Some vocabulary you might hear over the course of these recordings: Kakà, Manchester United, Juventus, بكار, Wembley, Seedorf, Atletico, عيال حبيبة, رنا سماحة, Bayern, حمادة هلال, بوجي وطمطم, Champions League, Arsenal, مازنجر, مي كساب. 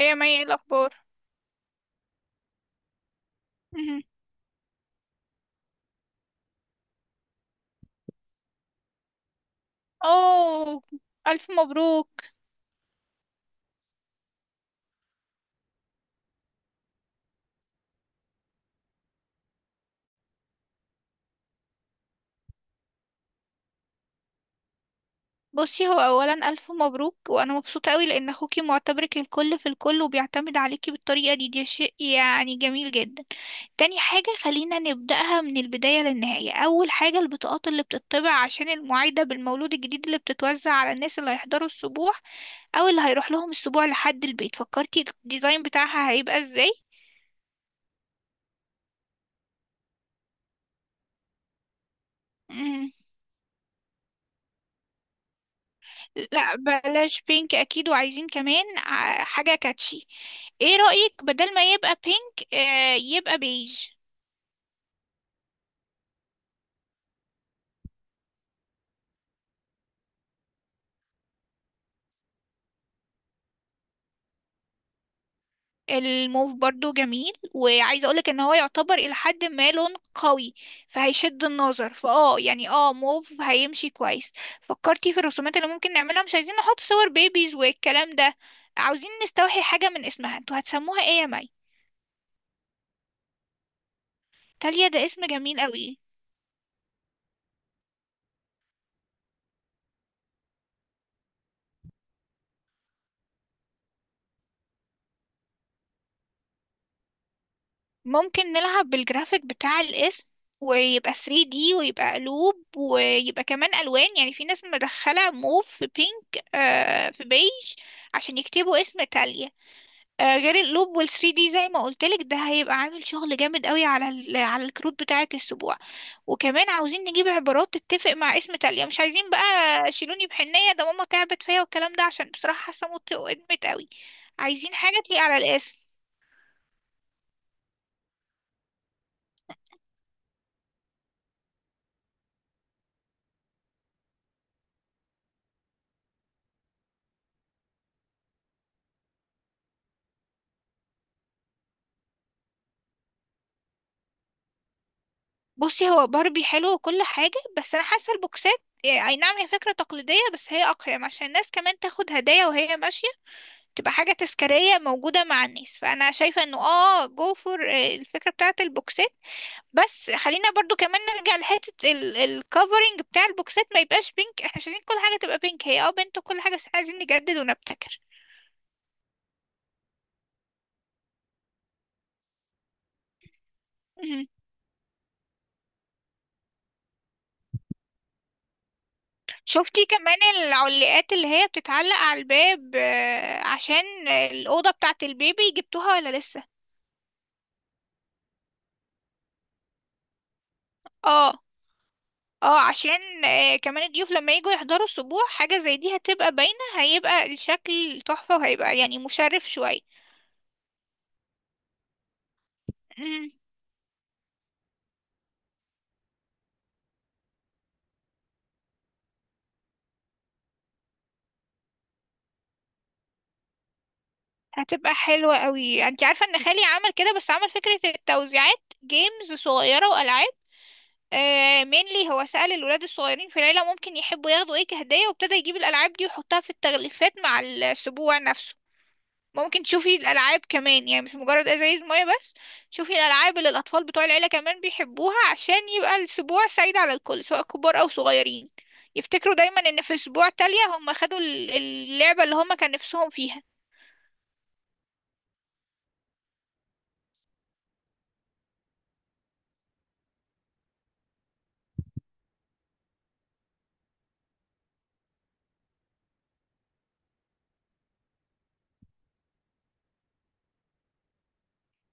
ايه يا مي، ايه الاخبار؟ مهم. اوه، الف مبروك. بصي، هو اولا الف مبروك وانا مبسوطه قوي لان اخوكي معتبرك الكل في الكل وبيعتمد عليكي بالطريقه دي شيء يعني جميل جدا. تاني حاجه، خلينا نبداها من البدايه للنهايه. اول حاجه البطاقات اللي بتطبع عشان المعايده بالمولود الجديد اللي بتتوزع على الناس اللي هيحضروا السبوع او اللي هيروح لهم السبوع لحد البيت، فكرتي الديزاين بتاعها هيبقى ازاي؟ لا بلاش بينك اكيد، وعايزين كمان حاجة كاتشي. ايه رأيك بدل ما يبقى بينك يبقى بيج؟ الموف برضو جميل، وعايزة اقولك ان هو يعتبر الى حد ما لون قوي، فهيشد النظر فاه. يعني موف هيمشي كويس. فكرتي في الرسومات اللي ممكن نعملها، مش عايزين نحط صور بيبيز والكلام ده. عاوزين نستوحي حاجة من اسمها. انتوا هتسموها ايه يا مي؟ تاليا ده اسم جميل قوي. ممكن نلعب بالجرافيك بتاع الاسم ويبقى 3D ويبقى قلوب ويبقى كمان ألوان. يعني في ناس مدخلة موف في بينك في بيج، عشان يكتبوا اسم إيطاليا. غير القلوب وال 3D زي ما قلتلك، ده هيبقى عامل شغل جامد قوي على على الكروت بتاعة السبوع. وكمان عاوزين نجيب عبارات تتفق مع اسم إيطاليا، مش عايزين بقى شيلوني بحنية ده ماما تعبت فيا والكلام ده، عشان بصراحة حاسة موت وقدمت قوي. عايزين حاجة تليق على الاسم. بصي، هو باربي حلو وكل حاجة، بس أنا حاسة البوكسات، يعني أي نعم هي فكرة تقليدية، بس هي أقيم عشان الناس كمان تاخد هدايا وهي ماشية، تبقى حاجة تذكارية موجودة مع الناس. فأنا شايفة إنه جو فور الفكرة بتاعة البوكسات. بس خلينا برضو كمان نرجع لحتة الكفرنج بتاع البوكسات، ما يبقاش بينك. احنا مش عايزين كل حاجة تبقى بينك، هي بنت وكل حاجة، بس احنا عايزين نجدد ونبتكر. مهم. شفتي كمان العلاقات اللي هي بتتعلق على الباب، عشان الأوضة بتاعة البيبي، جبتوها ولا لسه؟ اه، اه. عشان كمان الضيوف لما يجوا يحضروا السبوع حاجة زي دي هتبقى باينة، هيبقى الشكل تحفة وهيبقى يعني مشرف شوية. مم، هتبقى حلوة قوي. انت عارفة ان خالي عمل كده، بس عمل فكرة التوزيعات جيمز صغيرة وألعاب. Mainly هو سأل الولاد الصغيرين في العيلة ممكن يحبوا ياخدوا ايه كهدية، وابتدى يجيب الألعاب دي ويحطها في التغليفات مع السبوع نفسه. ممكن تشوفي الألعاب كمان، يعني مش مجرد أزايز مية بس. شوفي الألعاب اللي الأطفال بتوع العيلة كمان بيحبوها، عشان يبقى الأسبوع سعيد على الكل سواء كبار أو صغيرين. يفتكروا دايما إن في أسبوع تالية هم خدوا اللعبة اللي هم كان نفسهم فيها.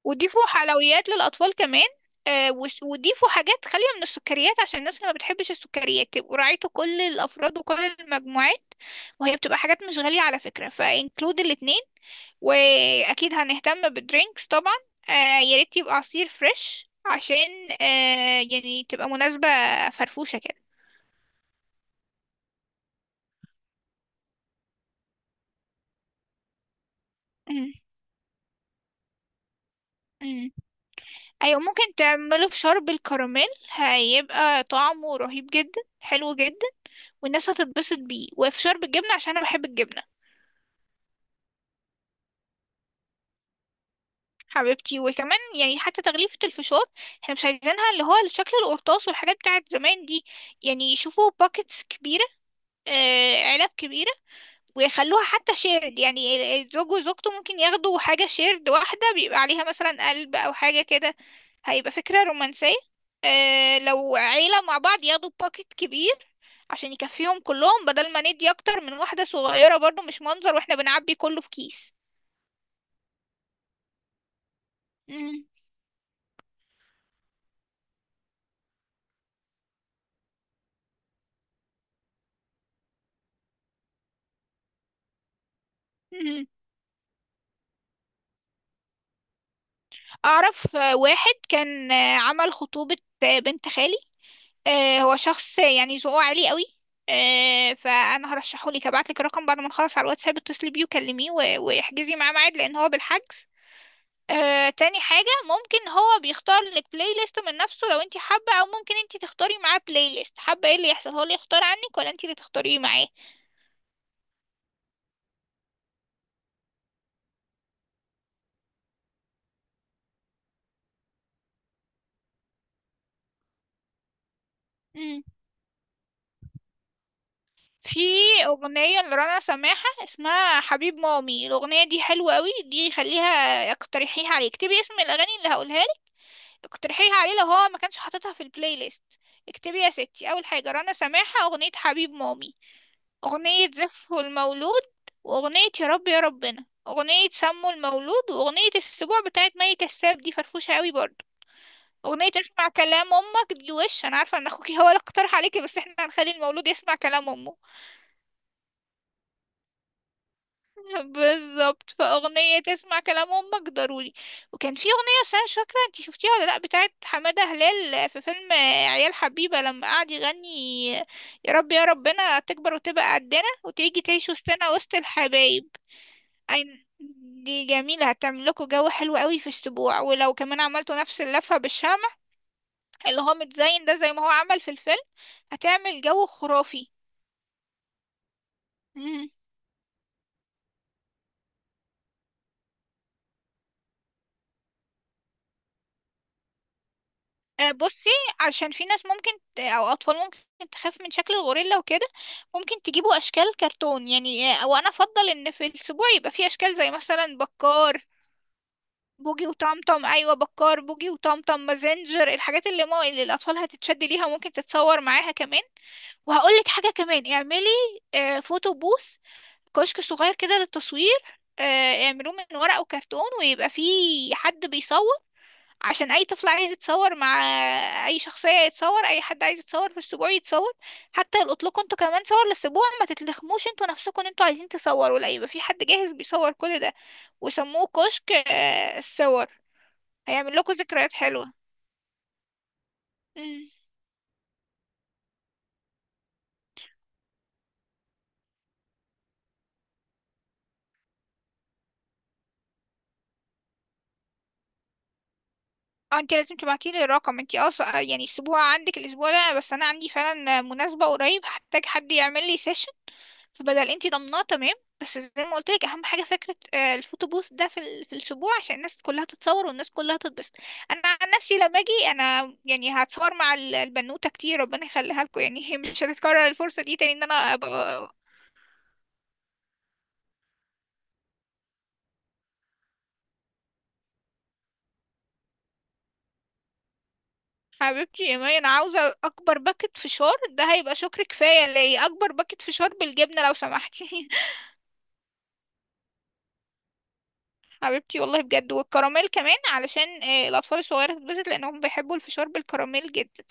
وضيفوا حلويات للأطفال كمان. وضيفوا حاجات خالية من السكريات، عشان الناس اللي ما بتحبش السكريات يبقوا راعيتوا كل الأفراد وكل المجموعات. وهي بتبقى حاجات مش غالية على فكرة، فانكلود الاتنين. وأكيد هنهتم بالدرينكس طبعا. يا ريت يبقى عصير فريش، عشان يعني تبقى مناسبة فرفوشة كده. مم. مم. أيوة، ممكن تعمله في شرب الكراميل، هيبقى طعمه رهيب جدا، حلو جدا، والناس هتتبسط بيه. وفشار بالجبنة، عشان أنا بحب الجبنة. حبيبتي، وكمان يعني حتى تغليفة الفشار احنا مش عايزينها اللي هو شكل القرطاس والحاجات بتاعت زمان دي. يعني يشوفوا باكتس كبيرة، علب كبيرة، ويخلوها حتى شيرد. يعني الزوج وزوجته ممكن ياخدوا حاجة شيرد واحدة بيبقى عليها مثلا قلب أو حاجة كده، هيبقى فكرة رومانسية. لو عيلة مع بعض ياخدوا باكت كبير عشان يكفيهم كلهم، بدل ما ندي أكتر من واحدة صغيرة، برضو مش منظر واحنا بنعبي كله في كيس. مم. مم. أعرف. واحد كان عمل خطوبة بنت خالي. هو شخص يعني ذوقه عالي قوي. فأنا هرشحه لك، هبعت لك الرقم بعد ما نخلص على الواتساب. اتصلي بيه وكلميه واحجزي معاه ميعاد، لأن هو بالحجز. تاني حاجة، ممكن هو بيختار لك بلاي ليست من نفسه لو انت حابة، أو ممكن انت تختاري معاه بلاي ليست. حابة ايه اللي يحصل، هو اللي يختار عنك ولا انت اللي تختاريه معاه؟ في أغنية لرنا سماحة اسمها حبيب مامي، الأغنية دي حلوة قوي، دي خليها اقترحيها عليه. اكتبي اسم الأغاني اللي هقولها لك، اقترحيها عليه لو هو ما كانش حاططها في البلاي ليست. اكتبي يا ستي أول حاجة رنا سماحة، أغنية حبيب مامي، أغنية زفه المولود، وأغنية يا رب يا ربنا، أغنية سمو المولود، وأغنية السبوع بتاعت مي كساب، دي فرفوشة قوي برضه. أغنية اسمع كلام أمك دي، وش أنا عارفة إن أخوكي هو اللي اقترح عليكي، بس احنا هنخلي المولود يسمع كلام أمه. بالظبط، فأغنية تسمع كلام أمك ضروري. وكان في أغنية، بس أنا مش فاكرة انتي شفتيها ولا لأ، بتاعت حمادة هلال في فيلم عيال حبيبة، لما قعد يغني يا رب يا ربنا تكبر وتبقى قدنا وتيجي تعيش وسطنا وسط الحبايب. أي، دي جميلة، هتعمل لكم جو حلو قوي في السبوع. ولو كمان عملتوا نفس اللفة بالشمع اللي هو متزين ده زي ما هو عمل في الفيلم، هتعمل جو خرافي. بصي، عشان في ناس ممكن او اطفال ممكن تخاف من شكل الغوريلا وكده. ممكن تجيبوا اشكال كرتون، يعني وانا افضل ان في الاسبوع يبقى في اشكال زي مثلا بكار، بوجي وطمطم. ايوه، بكار بوجي وطمطم مازنجر، الحاجات اللي ما اللي الاطفال هتتشد ليها وممكن تتصور معاها كمان. وهقول لك حاجه كمان، اعملي فوتو بوث، كشك صغير كده للتصوير. اعملوه من ورق وكرتون، ويبقى فيه حد بيصور عشان اي طفل عايز يتصور مع اي شخصية يتصور، اي حد عايز يتصور في السبوع يتصور، حتى يلقط لكم انتوا كمان صور للسبوع. ما تتلخموش انتوا نفسكم ان انتوا عايزين تصوروا، لا يبقى في حد جاهز بيصور كل ده. وسموه كشك الصور. هيعمل لكم ذكريات حلوة. مم. اه انت لازم تبعتي لي الرقم. انت يعني اسبوع عندك الاسبوع ده، بس انا عندي فعلا مناسبة قريب هحتاج حد يعمل لي سيشن، فبدل انت ضمناه تمام. بس زي ما قلت لك، اهم حاجة فكرة الفوتو بوث ده في في الاسبوع، عشان الناس كلها تتصور والناس كلها تتبسط. انا عن نفسي لما اجي انا يعني هتصور مع البنوتة كتير، ربنا يخليها لكم. يعني هي مش هتتكرر الفرصة دي تاني ان انا ابقى. حبيبتي يا مي، انا عاوزة اكبر باكت فشار، ده هيبقى شكر كفاية ليا، اكبر باكت فشار بالجبنة لو سمحتي. حبيبتي والله بجد. والكراميل كمان، علشان الاطفال الصغيره تتبسط لانهم بيحبوا الفشار بالكراميل جدا.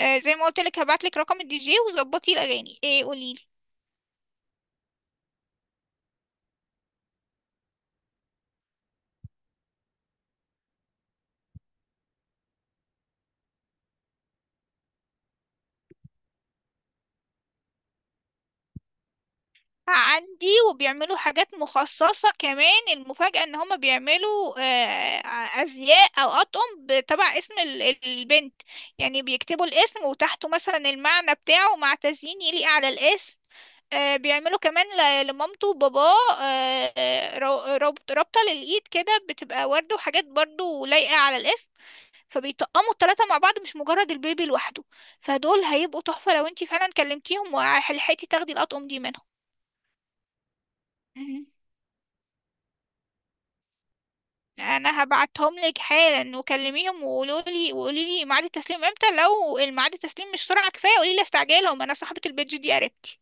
زي ما قلت لك، هبعت لك رقم الدي جي وظبطي الاغاني. قولي لي. عندي، وبيعملوا حاجات مخصصة كمان. المفاجأة ان هما بيعملوا ازياء او اطقم تبع اسم البنت. يعني بيكتبوا الاسم وتحته مثلا المعنى بتاعه مع تزيين يليق على الاسم. بيعملوا كمان لمامته وباباه، رابطة للإيد كده بتبقى وردة وحاجات برضو لايقة على الاسم. فبيطقموا التلاتة مع بعض، مش مجرد البيبي لوحده. فدول هيبقوا تحفة لو انتي فعلا كلمتيهم وحلحقتي تاخدي الأطقم دي منهم. انا هبعتهم لك حالا، وكلميهم وقولوا لي وقولي لي ميعاد التسليم امتى. لو الميعاد التسليم مش سرعه كفايه قولي لي، استعجلهم انا صاحبه البيج دي قريبتي.